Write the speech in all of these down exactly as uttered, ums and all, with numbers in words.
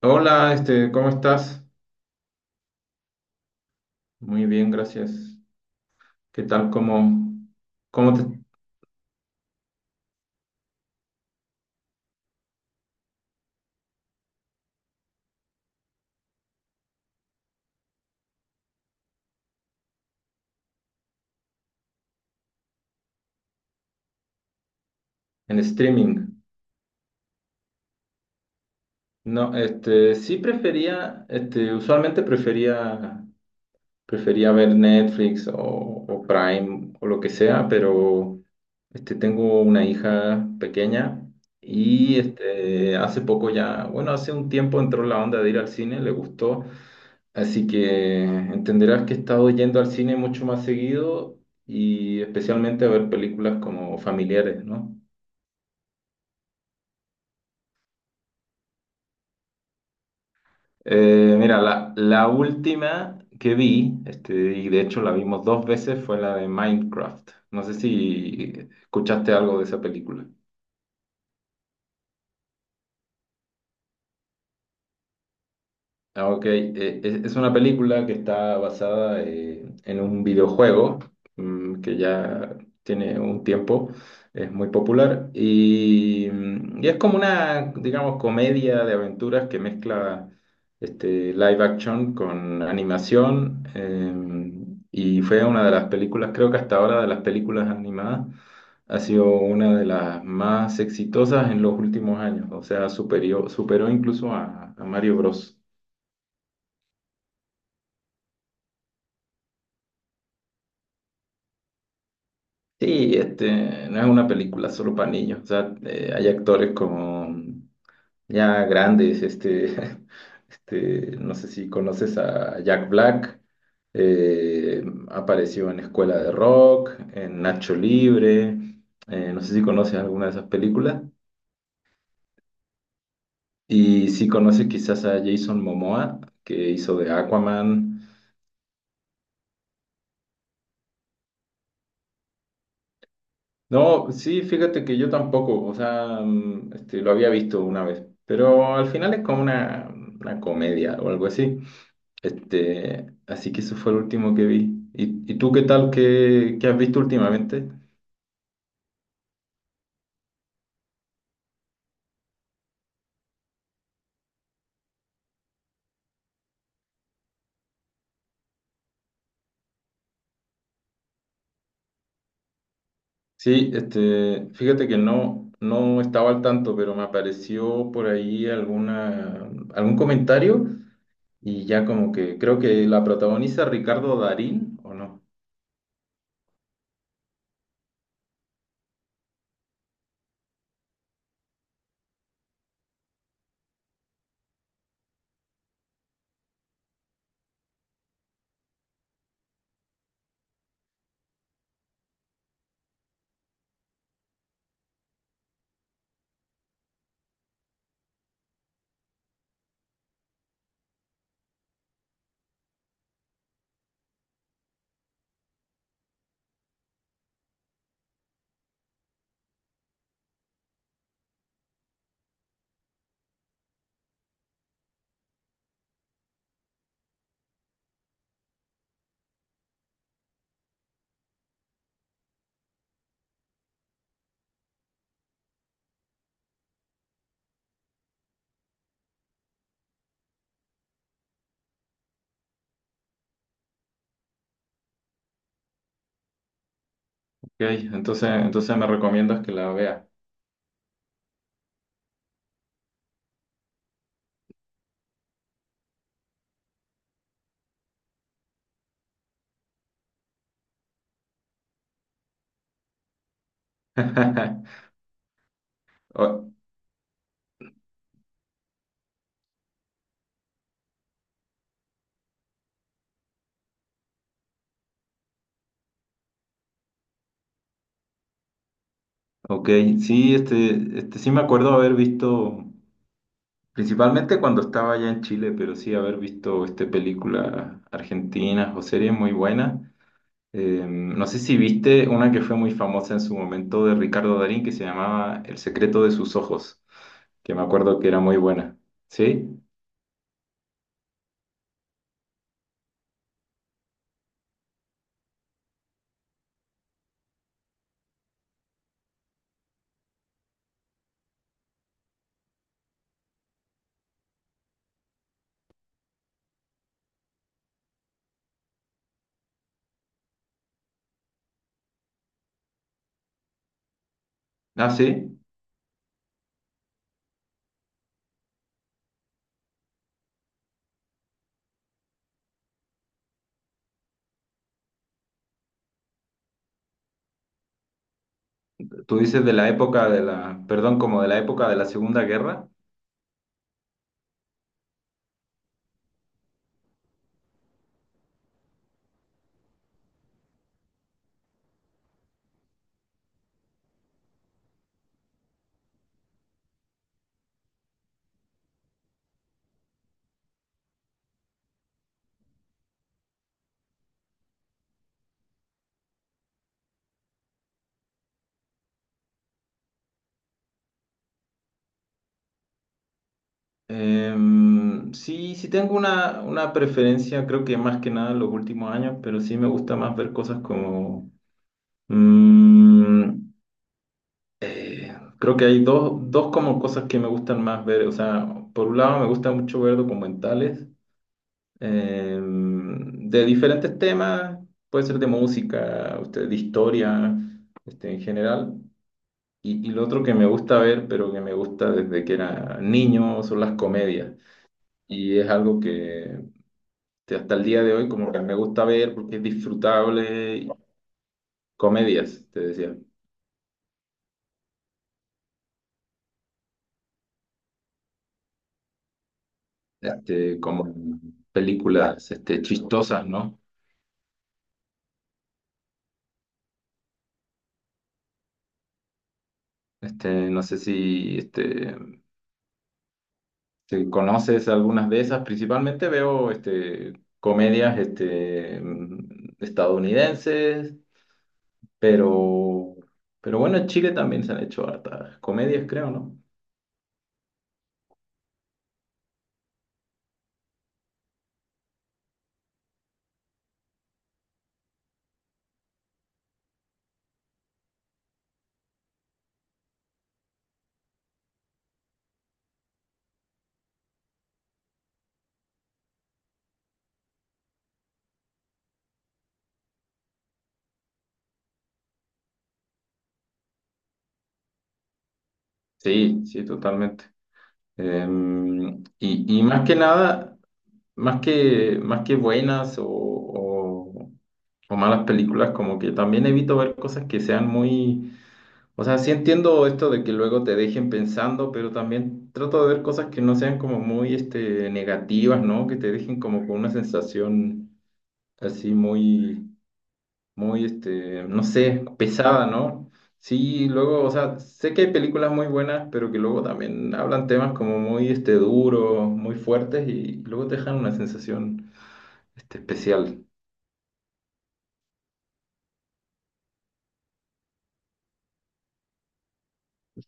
Hola, este, ¿cómo estás? Muy bien, gracias. ¿Qué tal? ¿Cómo, cómo te- ¿En streaming? No, este, sí prefería, este, usualmente prefería Prefería ver Netflix o, o Prime o lo que sea, pero este, tengo una hija pequeña y este, hace poco ya, bueno, hace un tiempo entró la onda de ir al cine, le gustó, así que entenderás que he estado yendo al cine mucho más seguido y especialmente a ver películas como familiares, ¿no? Eh, mira, la, la última que vi, este, y de hecho la vimos dos veces, fue la de Minecraft. No sé si escuchaste algo de esa película. Ah, ok. Eh, es, es una película que está basada eh, en un videojuego mm, que ya tiene un tiempo, es muy popular y, mm, y es como una, digamos, comedia de aventuras que mezcla este, live action con animación em, y fue una de las películas, creo que hasta ahora de las películas animadas, ha sido una de las más exitosas en los últimos años, o sea, superió- superó incluso a a Mario Bros. Sí, este, no es una película solo para niños, o sea, eh, hay actores como ya grandes, este, este, no sé si conoces a Jack Black, eh, apareció en Escuela de Rock, en Nacho Libre, eh, no sé si conoces alguna de esas películas, y si conoces quizás a Jason Momoa, que hizo de Aquaman. No, pues sí, fíjate que yo tampoco, o sea, mm, este, lo había visto una vez, pero al final es como una, una comedia o algo así. Este, así que eso fue el último que vi. ¿Y, y tú qué tal? ¿Qué, ¿qué has visto últimamente? Sí, este, fíjate que no, no estaba al tanto, pero me apareció por ahí alguna, algún comentario y ya como que creo que la protagoniza Ricardo Darín, ¿o no? Ok, entonces, entonces me recomiendas que la vea. O- Ok, sí, este, este, sí me acuerdo haber visto, principalmente cuando estaba allá en Chile, pero sí haber visto este, películas argentinas o series muy buenas. Eh, no sé si viste una que fue muy famosa en su momento de Ricardo Darín que se llamaba El secreto de sus ojos, que me acuerdo que era muy buena. ¿Sí? Ah, sí. Tú dices de la época de la, perdón, como de la época de la Segunda Guerra. Em, sí, sí tengo una, una preferencia, creo que más que nada en los últimos años, pero sí me gusta más ver cosas como mm, eh, creo que hay dos, dos como cosas que me gustan más ver. O sea, por un lado me gusta mucho ver documentales em, de diferentes temas, puede ser de música, usted, de historia, este, en general. Y, y lo otro que me gusta ver, pero que me gusta desde que era niño, son las comedias. Y es algo que que hasta el día de hoy como que me gusta ver porque es disfrutable, y comedias, te decía, este, como películas este, chistosas, ¿no? Este, no sé si este, si conoces algunas de esas, principalmente veo este, comedias este, mm, estadounidenses, pero, pero bueno, en Chile también se han hecho hartas comedias, creo, ¿no? Sí, sí, totalmente. Em, y, y más que nada, más que, más que buenas o, o- o malas películas, como que también evito ver cosas que sean muy. O sea, sí entiendo esto de que luego te dejen pensando, pero también trato de ver cosas que no sean como muy este, negativas, ¿no? Que te dejen como con una sensación así muy, muy, este, no sé, pesada, ¿no? Sí, luego, o sea, sé que hay películas muy buenas, pero que luego también hablan temas como muy, este, duros, muy fuertes y luego te dejan una sensación este especial.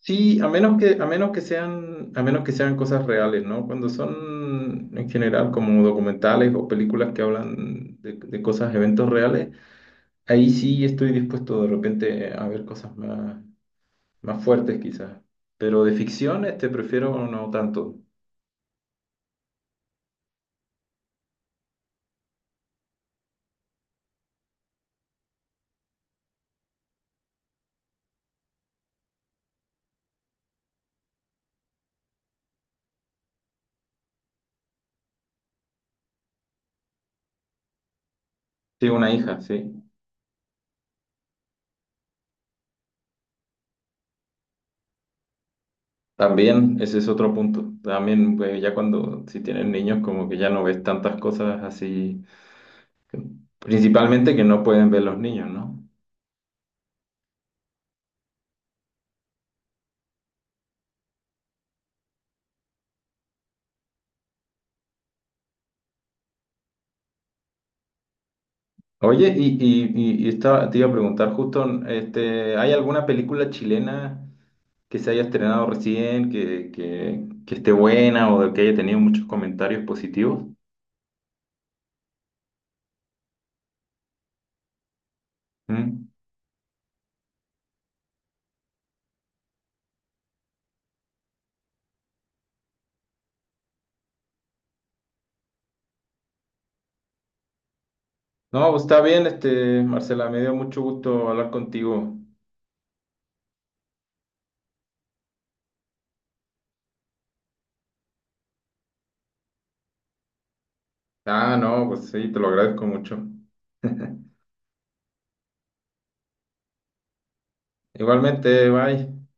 Sí, a menos que, a menos que sean, a menos que sean cosas reales, ¿no? Cuando son en general como documentales o películas que hablan de, de cosas, eventos reales, ahí sí estoy dispuesto de repente a ver cosas más, más fuertes quizás. Pero de ficción, este prefiero no tanto. Sí, una hija, sí. También, ese es otro punto. También, pues, ya cuando, si tienen niños, como que ya no ves tantas cosas así, principalmente que no pueden ver los niños, ¿no? Oye, y, y, y, y estaba- te iba a preguntar justo, este, ¿hay alguna película chilena que se haya estrenado recién, que, que, que esté buena o que haya tenido muchos comentarios positivos? ¿Mm? No, pues está bien, este, Marcela, me dio mucho gusto hablar contigo. Ah, no, pues sí, te lo agradezco mucho. Igualmente, bye.